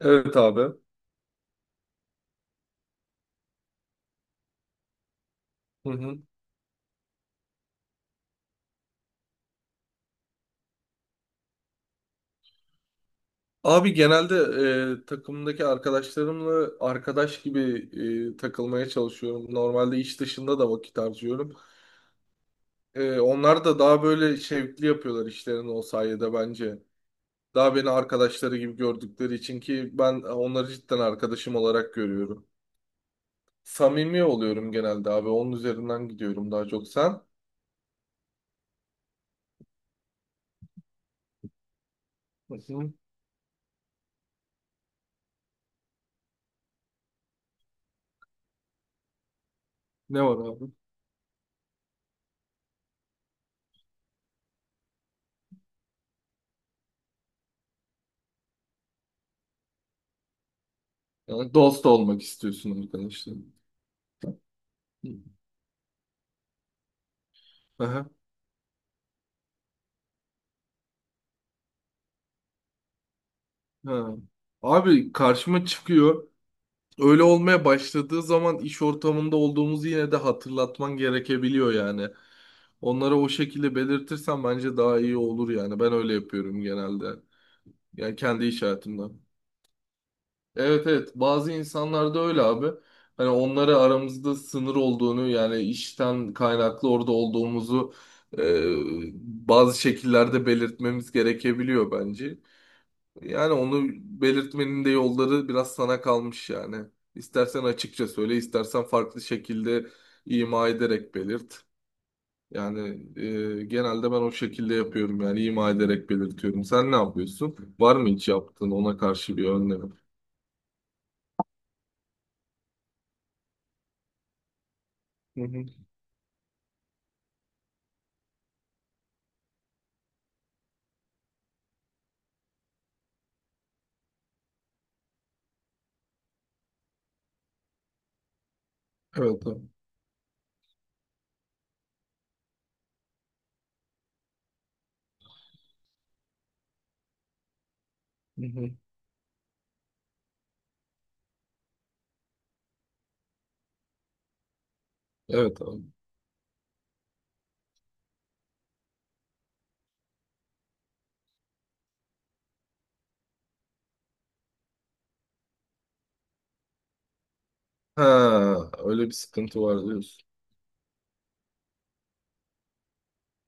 Evet abi. Hı hı. Abi genelde takımdaki arkadaşlarımla arkadaş gibi takılmaya çalışıyorum. Normalde iş dışında da vakit harcıyorum. Onlar da daha böyle şevkli yapıyorlar işlerini o sayede bence. Daha beni arkadaşları gibi gördükleri için ki ben onları cidden arkadaşım olarak görüyorum. Samimi oluyorum genelde abi. Onun üzerinden gidiyorum daha çok. Sen? Hı hı. Ne var abi? Yani dost olmak istiyorsun arkadaşlarım. Ha. Abi karşıma çıkıyor. Öyle olmaya başladığı zaman iş ortamında olduğumuzu yine de hatırlatman gerekebiliyor yani. Onlara o şekilde belirtirsen bence daha iyi olur yani. Ben öyle yapıyorum genelde. Yani kendi iş hayatımda. Evet evet, bazı insanlarda öyle abi. Hani onlara aramızda sınır olduğunu yani işten kaynaklı orada olduğumuzu e, bazı şekillerde belirtmemiz gerekebiliyor bence. Yani onu belirtmenin de yolları biraz sana kalmış yani. İstersen açıkça söyle, istersen farklı şekilde ima ederek belirt. Yani genelde ben o şekilde yapıyorum yani ima ederek belirtiyorum. Sen ne yapıyorsun? Var mı hiç yaptığın ona karşı bir önlem? Hı hı. Evet abi. Hı hı. Evet abi. Ha, öyle bir sıkıntı var diyorsun.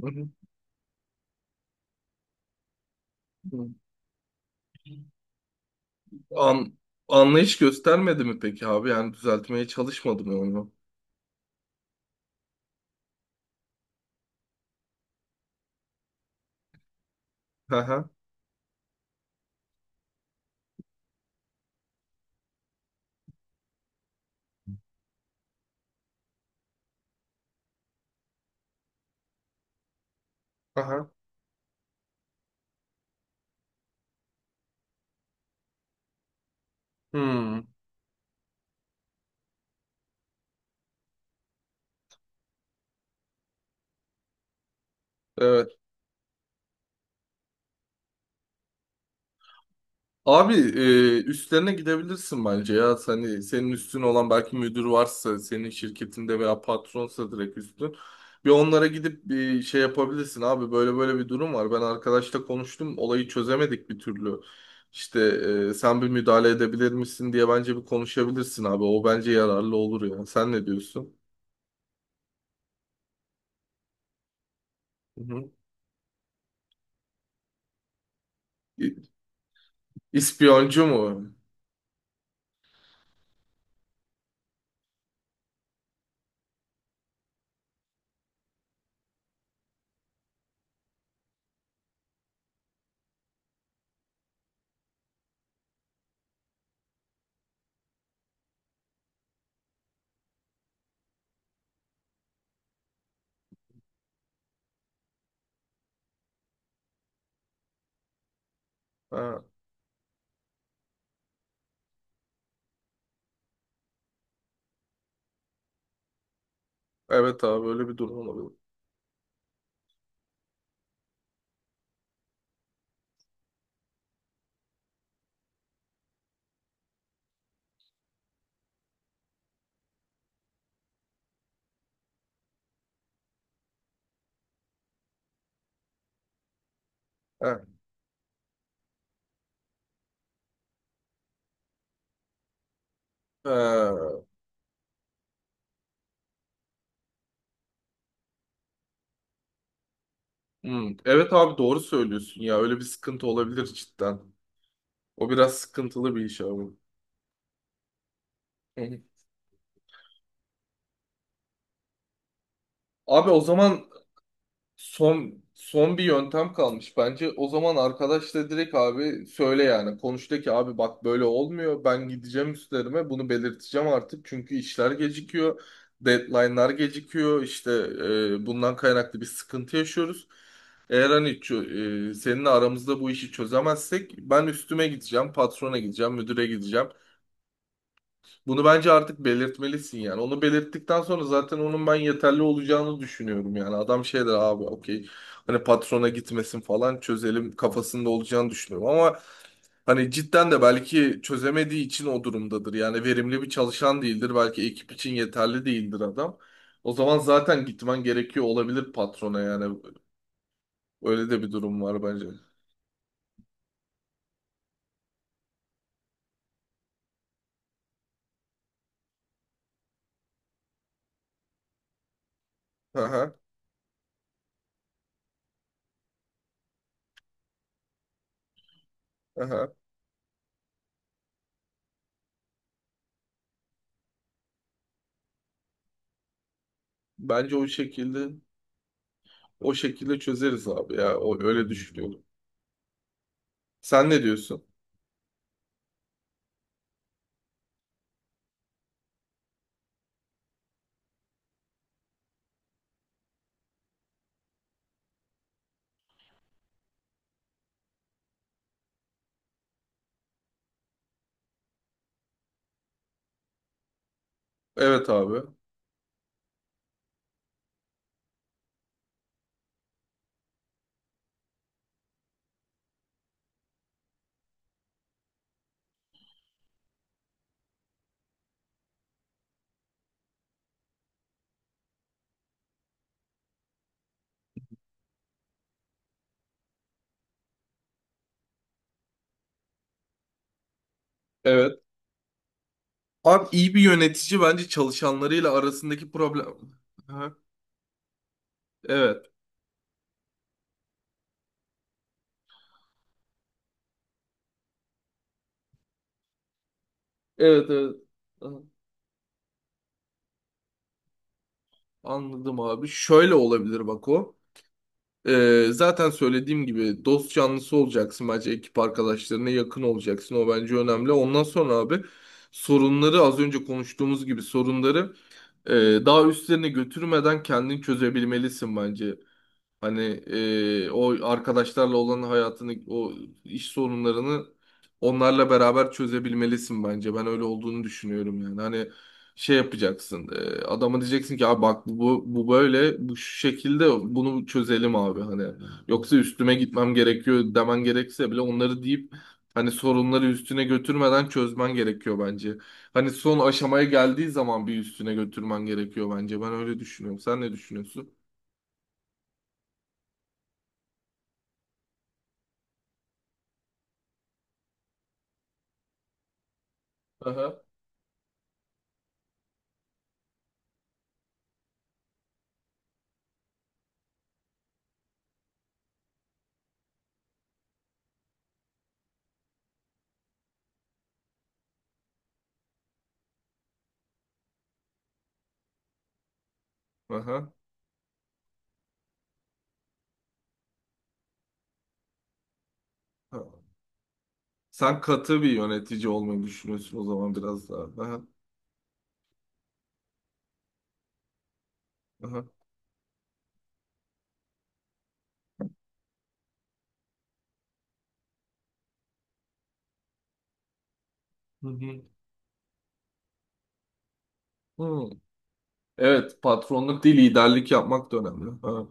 Hı hı. Hı. An Anlayış göstermedi mi peki abi? Yani düzeltmeye çalışmadı mı onu? Hı hı. Aha. Hmm. Evet. Abi üstlerine gidebilirsin bence ya. Hani senin üstün olan belki müdür varsa, senin şirketinde veya patronsa direkt üstün. Bir onlara gidip bir şey yapabilirsin abi. Böyle böyle bir durum var. Ben arkadaşla konuştum. Olayı çözemedik bir türlü. İşte sen bir müdahale edebilir misin diye bence bir konuşabilirsin abi. O bence yararlı olur ya. Sen ne diyorsun? Hı hı. İ- İspiyoncu mu? Ha, evet abi öyle bir durum olabilir. Ha. Ha. Hmm, evet abi doğru söylüyorsun ya. Öyle bir sıkıntı olabilir cidden. O biraz sıkıntılı bir iş abi. Hı hı. Abi o zaman son bir yöntem kalmış bence. O zaman arkadaşla direkt abi söyle yani. Konuş de ki abi bak böyle olmuyor. Ben gideceğim, üstlerime bunu belirteceğim artık. Çünkü işler gecikiyor. Deadline'lar gecikiyor. İşte bundan kaynaklı bir sıkıntı yaşıyoruz. Eğer seninle aramızda bu işi çözemezsek ben üstüme gideceğim, patrona gideceğim, müdüre gideceğim. Bunu bence artık belirtmelisin yani. Onu belirttikten sonra zaten onun ben yeterli olacağını düşünüyorum yani. Adam şey der abi, okey, hani patrona gitmesin falan çözelim kafasında olacağını düşünüyorum. Ama hani cidden de belki çözemediği için o durumdadır. Yani verimli bir çalışan değildir. Belki ekip için yeterli değildir adam. O zaman zaten gitmen gerekiyor olabilir patrona yani. Öyle de bir durum var bence. Aha, aha. Bence o şekilde. O şekilde çözeriz abi ya. O öyle düşünüyorum. Sen ne diyorsun? Evet abi. Evet. Abi iyi bir yönetici bence çalışanlarıyla arasındaki problem. Aha. Evet. Evet evet. Aha. Anladım abi. Şöyle olabilir bak o. Zaten söylediğim gibi dost canlısı olacaksın bence, ekip arkadaşlarına yakın olacaksın. O bence önemli. Ondan sonra abi sorunları az önce konuştuğumuz gibi sorunları e, daha üstlerine götürmeden kendin çözebilmelisin bence. Hani o arkadaşlarla olan hayatını, o iş sorunlarını onlarla beraber çözebilmelisin bence. Ben öyle olduğunu düşünüyorum yani. Hani şey yapacaksın. E, adama diyeceksin ki abi bak bu böyle bu şu şekilde bunu çözelim abi hani. Yoksa üstüme gitmem gerekiyor demen gerekse bile onları deyip hani sorunları üstüne götürmeden çözmen gerekiyor bence. Hani son aşamaya geldiği zaman bir üstüne götürmen gerekiyor bence. Ben öyle düşünüyorum. Sen ne düşünüyorsun? Aha. Aha. Ha. Sen katı bir yönetici olmayı düşünüyorsun o zaman biraz daha. Aha, aha. Hı hı. Hmm. Evet, patronluk değil, liderlik yapmak da önemli. Ha.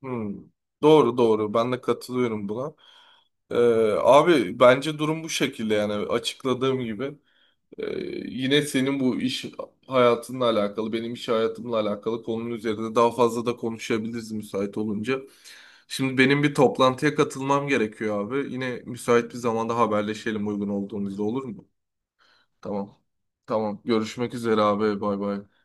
Hmm. Doğru doğru, ben de katılıyorum buna. Ee, Abi bence durum bu şekilde yani, açıkladığım gibi. Ee, Yine senin bu iş hayatınla alakalı, benim iş hayatımla alakalı konunun üzerinde daha fazla da konuşabiliriz müsait olunca. Şimdi benim bir toplantıya katılmam gerekiyor abi. Yine müsait bir zamanda haberleşelim uygun olduğumuzda, olur mu? Tamam. Tamam. Görüşmek üzere abi. Bay bay.